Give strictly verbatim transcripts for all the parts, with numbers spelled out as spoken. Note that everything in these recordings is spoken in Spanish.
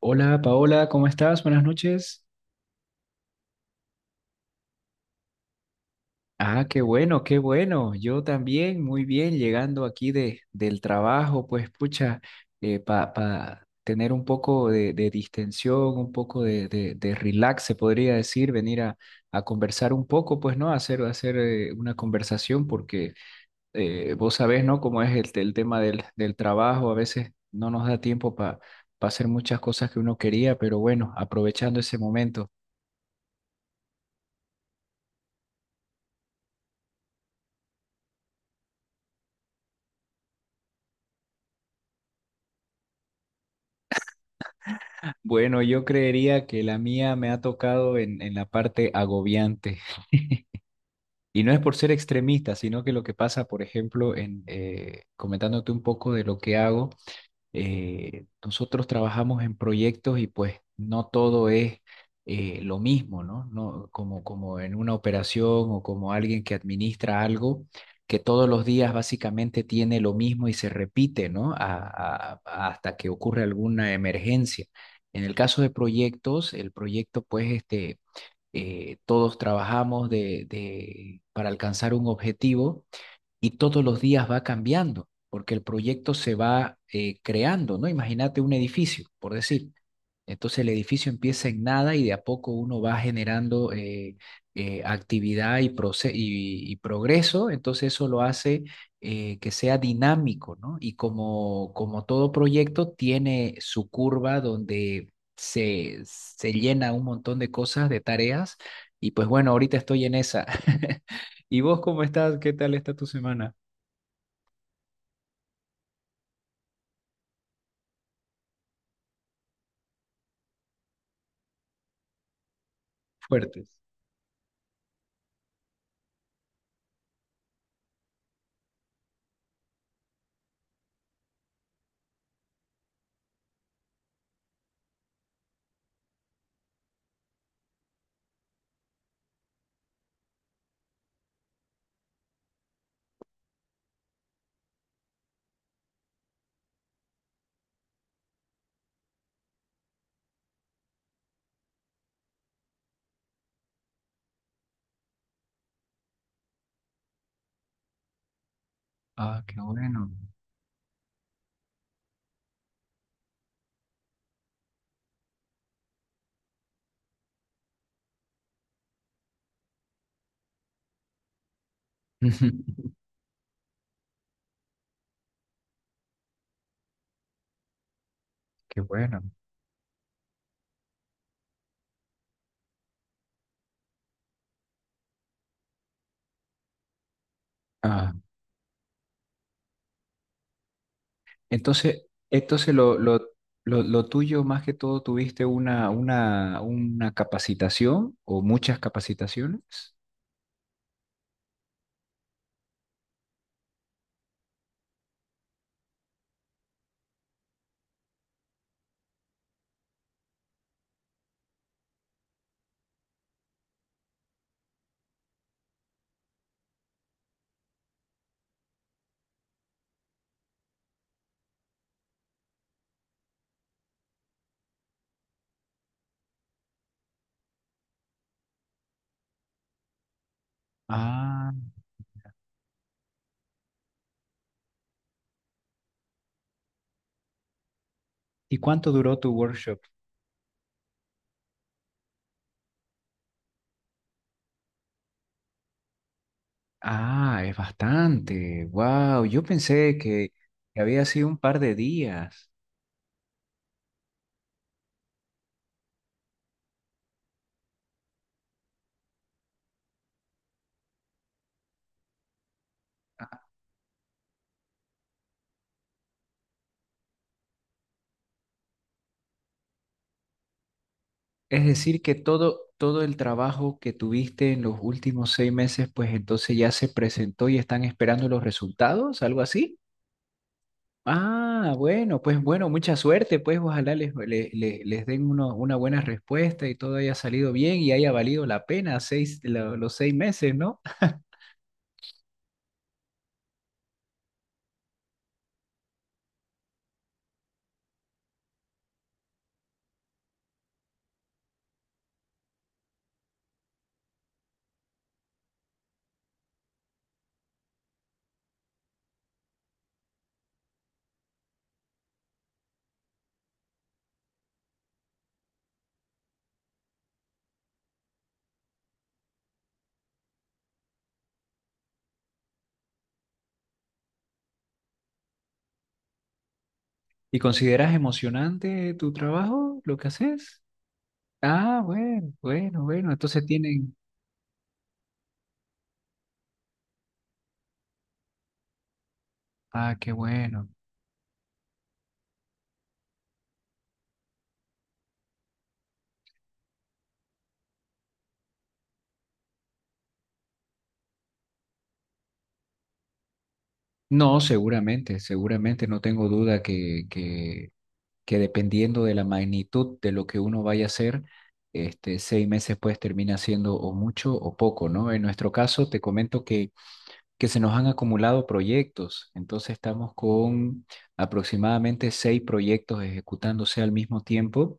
Hola Paola, ¿cómo estás? Buenas noches. Ah, qué bueno, qué bueno. Yo también, muy bien, llegando aquí de, del trabajo, pues pucha, para tener un poco de, de distensión, un poco de, de, de relax, se podría decir, venir a, a conversar un poco, pues, ¿no? Hacer, hacer eh, una conversación, porque eh, vos sabés, ¿no? Cómo es el, el tema del, del trabajo, a veces no nos da tiempo para hacer muchas cosas que uno quería, pero bueno, aprovechando ese momento. Bueno, yo creería que la mía me ha tocado en, en la parte agobiante. Y no es por ser extremista, sino que lo que pasa, por ejemplo, en, eh, comentándote un poco de lo que hago eh, nosotros trabajamos en proyectos y pues no todo es eh, lo mismo, ¿no? No, como, como en una operación o como alguien que administra algo que todos los días básicamente tiene lo mismo y se repite, ¿no? A- a- a- hasta que ocurre alguna emergencia. En el caso de proyectos, el proyecto pues este, eh, todos trabajamos de, de- para alcanzar un objetivo y todos los días va cambiando, porque el proyecto se va eh, creando, ¿no? Imagínate un edificio, por decir. Entonces el edificio empieza en nada y de a poco uno va generando eh, eh, actividad y, proce- y, y progreso, entonces eso lo hace eh, que sea dinámico, ¿no? Y como, como todo proyecto tiene su curva donde se, se llena un montón de cosas, de tareas, y pues bueno, ahorita estoy en esa. ¿Y vos cómo estás? ¿Qué tal está tu semana? Fuertes. Ah, qué bueno. Qué bueno. Ah, entonces, entonces lo, lo, lo, lo tuyo más que todo tuviste una, una, una capacitación o muchas capacitaciones. Ah, ¿y cuánto duró tu workshop? Ah, es bastante. Wow, yo pensé que, que había sido un par de días. Es decir, que todo, todo el trabajo que tuviste en los últimos seis meses, pues entonces ya se presentó y están esperando los resultados, algo así. Ah, bueno, pues bueno, mucha suerte, pues ojalá les, le- le- les den uno- una buena respuesta y todo haya salido bien y haya valido la pena seis, lo- los seis meses, ¿no? ¿Y consideras emocionante tu trabajo, lo que haces? Ah, bueno, bueno, bueno, entonces tienen... Ah, qué bueno. No, seguramente, seguramente, no tengo duda que, que que dependiendo de la magnitud de lo que uno vaya a hacer, este, seis meses pues termina siendo o mucho o poco, ¿no? En nuestro caso, te comento que, que se nos han acumulado proyectos, entonces estamos con aproximadamente seis proyectos ejecutándose al mismo tiempo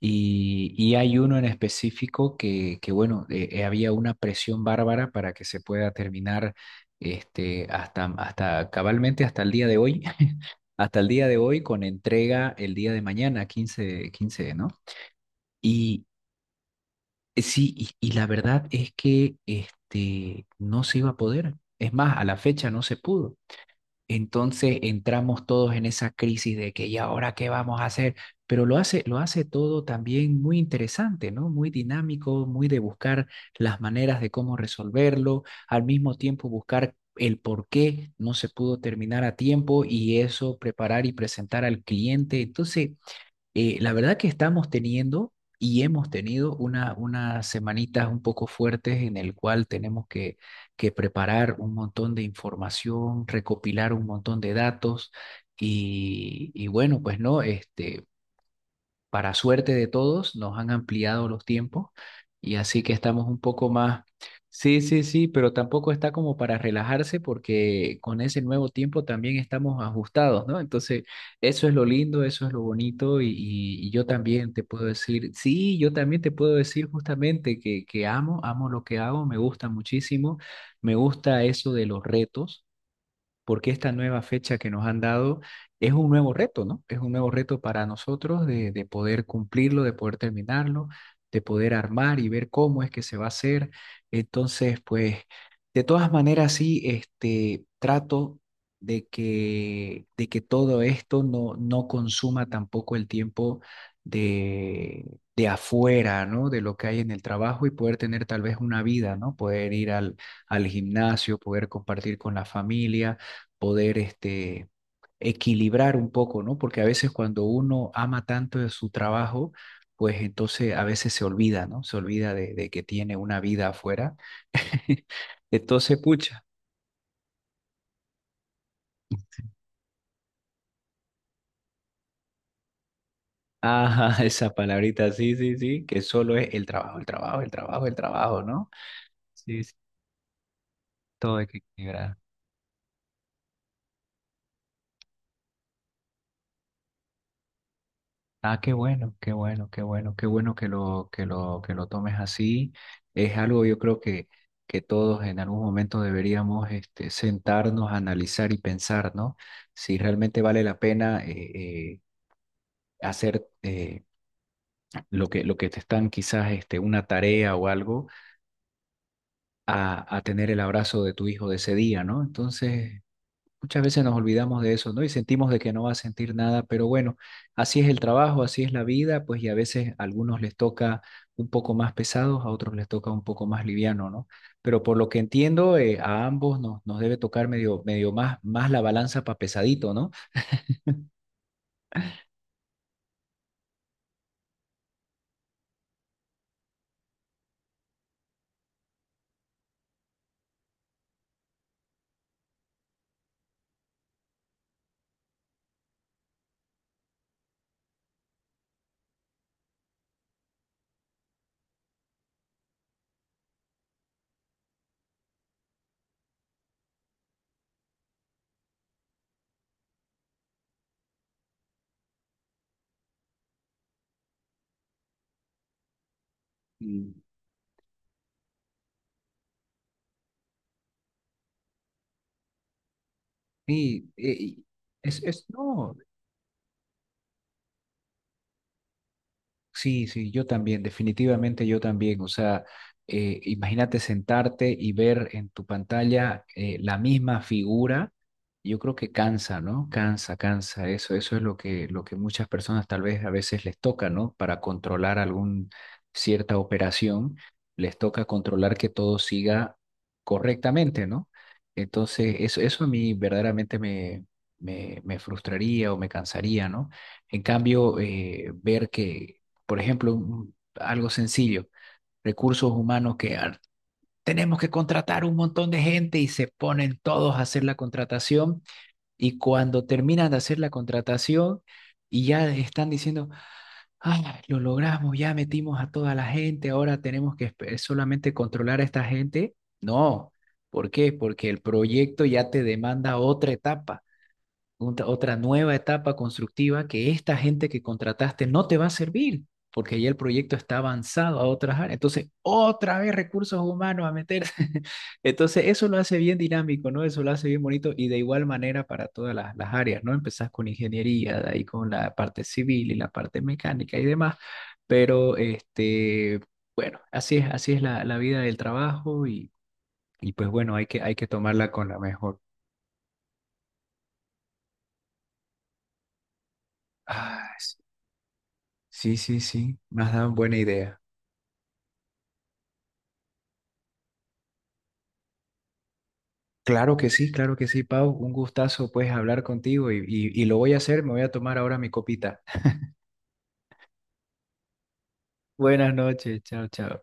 y, y hay uno en específico que, que bueno, eh, eh, había una presión bárbara para que se pueda terminar este, hasta, hasta cabalmente hasta el día de hoy, hasta el día de hoy con entrega el día de mañana, quince quince, ¿no? Y eh, sí, y, y la verdad es que este, no se iba a poder. Es más, a la fecha no se pudo. Entonces entramos todos en esa crisis de que, ¿y ahora qué vamos a hacer? Pero lo hace, lo hace todo también muy interesante, ¿no? Muy dinámico, muy de buscar las maneras de cómo resolverlo, al mismo tiempo buscar el por qué no se pudo terminar a tiempo y eso preparar y presentar al cliente. Entonces, eh, la verdad que estamos teniendo y hemos tenido una, unas semanitas un poco fuertes en el cual tenemos que, que preparar un montón de información, recopilar un montón de datos y, y bueno, pues no, este, para suerte de todos, nos han ampliado los tiempos y así que estamos un poco más, sí, sí, sí, pero tampoco está como para relajarse porque con ese nuevo tiempo también estamos ajustados, ¿no? Entonces, eso es lo lindo, eso es lo bonito y, y- y yo también te puedo decir, sí, yo también te puedo decir justamente que, que amo, amo lo que hago, me gusta muchísimo, me gusta eso de los retos porque esta nueva fecha que nos han dado es un nuevo reto, ¿no? Es un nuevo reto para nosotros de, de poder cumplirlo, de poder terminarlo, de poder armar y ver cómo es que se va a hacer. Entonces, pues, de todas maneras, sí, este, trato de que, de que todo esto no, no consuma tampoco el tiempo de, de afuera, ¿no? De lo que hay en el trabajo y poder tener tal vez una vida, ¿no? Poder ir al, al gimnasio, poder compartir con la familia, poder este, equilibrar un poco, ¿no? Porque a veces cuando uno ama tanto de su trabajo, pues entonces a veces se olvida, ¿no? Se olvida de, de que tiene una vida afuera. Entonces, pucha. Ajá, esa palabrita, sí, sí, sí, que solo es el trabajo, el trabajo, el trabajo, el trabajo, ¿no? Sí, sí, todo hay que equilibrar. Ah, qué bueno, qué bueno, qué bueno, qué bueno que lo, que lo, que lo, tomes así. Es algo yo creo que, que todos en algún momento deberíamos este, sentarnos a analizar y pensar, ¿no? Si realmente vale la pena eh, eh, hacer eh, lo que, lo que te están quizás este, una tarea o algo, a, a tener el abrazo de tu hijo de ese día, ¿no? Entonces, muchas veces nos olvidamos de eso, ¿no? Y sentimos de que no va a sentir nada, pero bueno, así es el trabajo, así es la vida, pues y a veces a algunos les toca un poco más pesados, a otros les toca un poco más liviano, ¿no? Pero por lo que entiendo, eh, a ambos nos, nos debe tocar medio, medio más, más la balanza para pesadito, ¿no? Mm. Y, y- y es, es- no, Sí, sí, yo también, definitivamente yo también. O sea, eh, imagínate sentarte y ver en tu pantalla eh, la misma figura. Yo creo que cansa, ¿no? Cansa, cansa. Eso, eso es lo que, lo que muchas personas tal vez a veces les toca, ¿no? Para controlar algún cierta operación, les toca controlar que todo siga correctamente, ¿no? Entonces, eso, eso a mí verdaderamente me, me, me frustraría o me cansaría, ¿no? En cambio, eh, ver que, por ejemplo, un- algo sencillo, recursos humanos que ah, tenemos que contratar un montón de gente y se ponen todos a hacer la contratación y cuando terminan de hacer la contratación y ya están diciendo, ah, lo logramos, ya metimos a toda la gente, ahora tenemos que espe- solamente controlar a esta gente. No, ¿por qué? Porque el proyecto ya te demanda otra etapa, otra, otra nueva etapa constructiva que esta gente que contrataste no te va a servir, porque ya el proyecto está avanzado a otras áreas. Entonces, otra vez recursos humanos a meterse. Entonces, eso lo hace bien dinámico, ¿no? Eso lo hace bien bonito y de igual manera para todas las, las áreas, ¿no? Empezás con ingeniería, de ahí con la parte civil y la parte mecánica y demás, pero este, bueno, así es, así es la, la vida del trabajo y, y pues bueno, hay que, hay que tomarla con la mejor. Ay, sí, sí, sí, me has dado buena idea. Claro que sí, claro que sí, Pau. Un gustazo, pues, hablar contigo y, y, y lo voy a hacer. Me voy a tomar ahora mi copita. Buenas noches, chao, chao.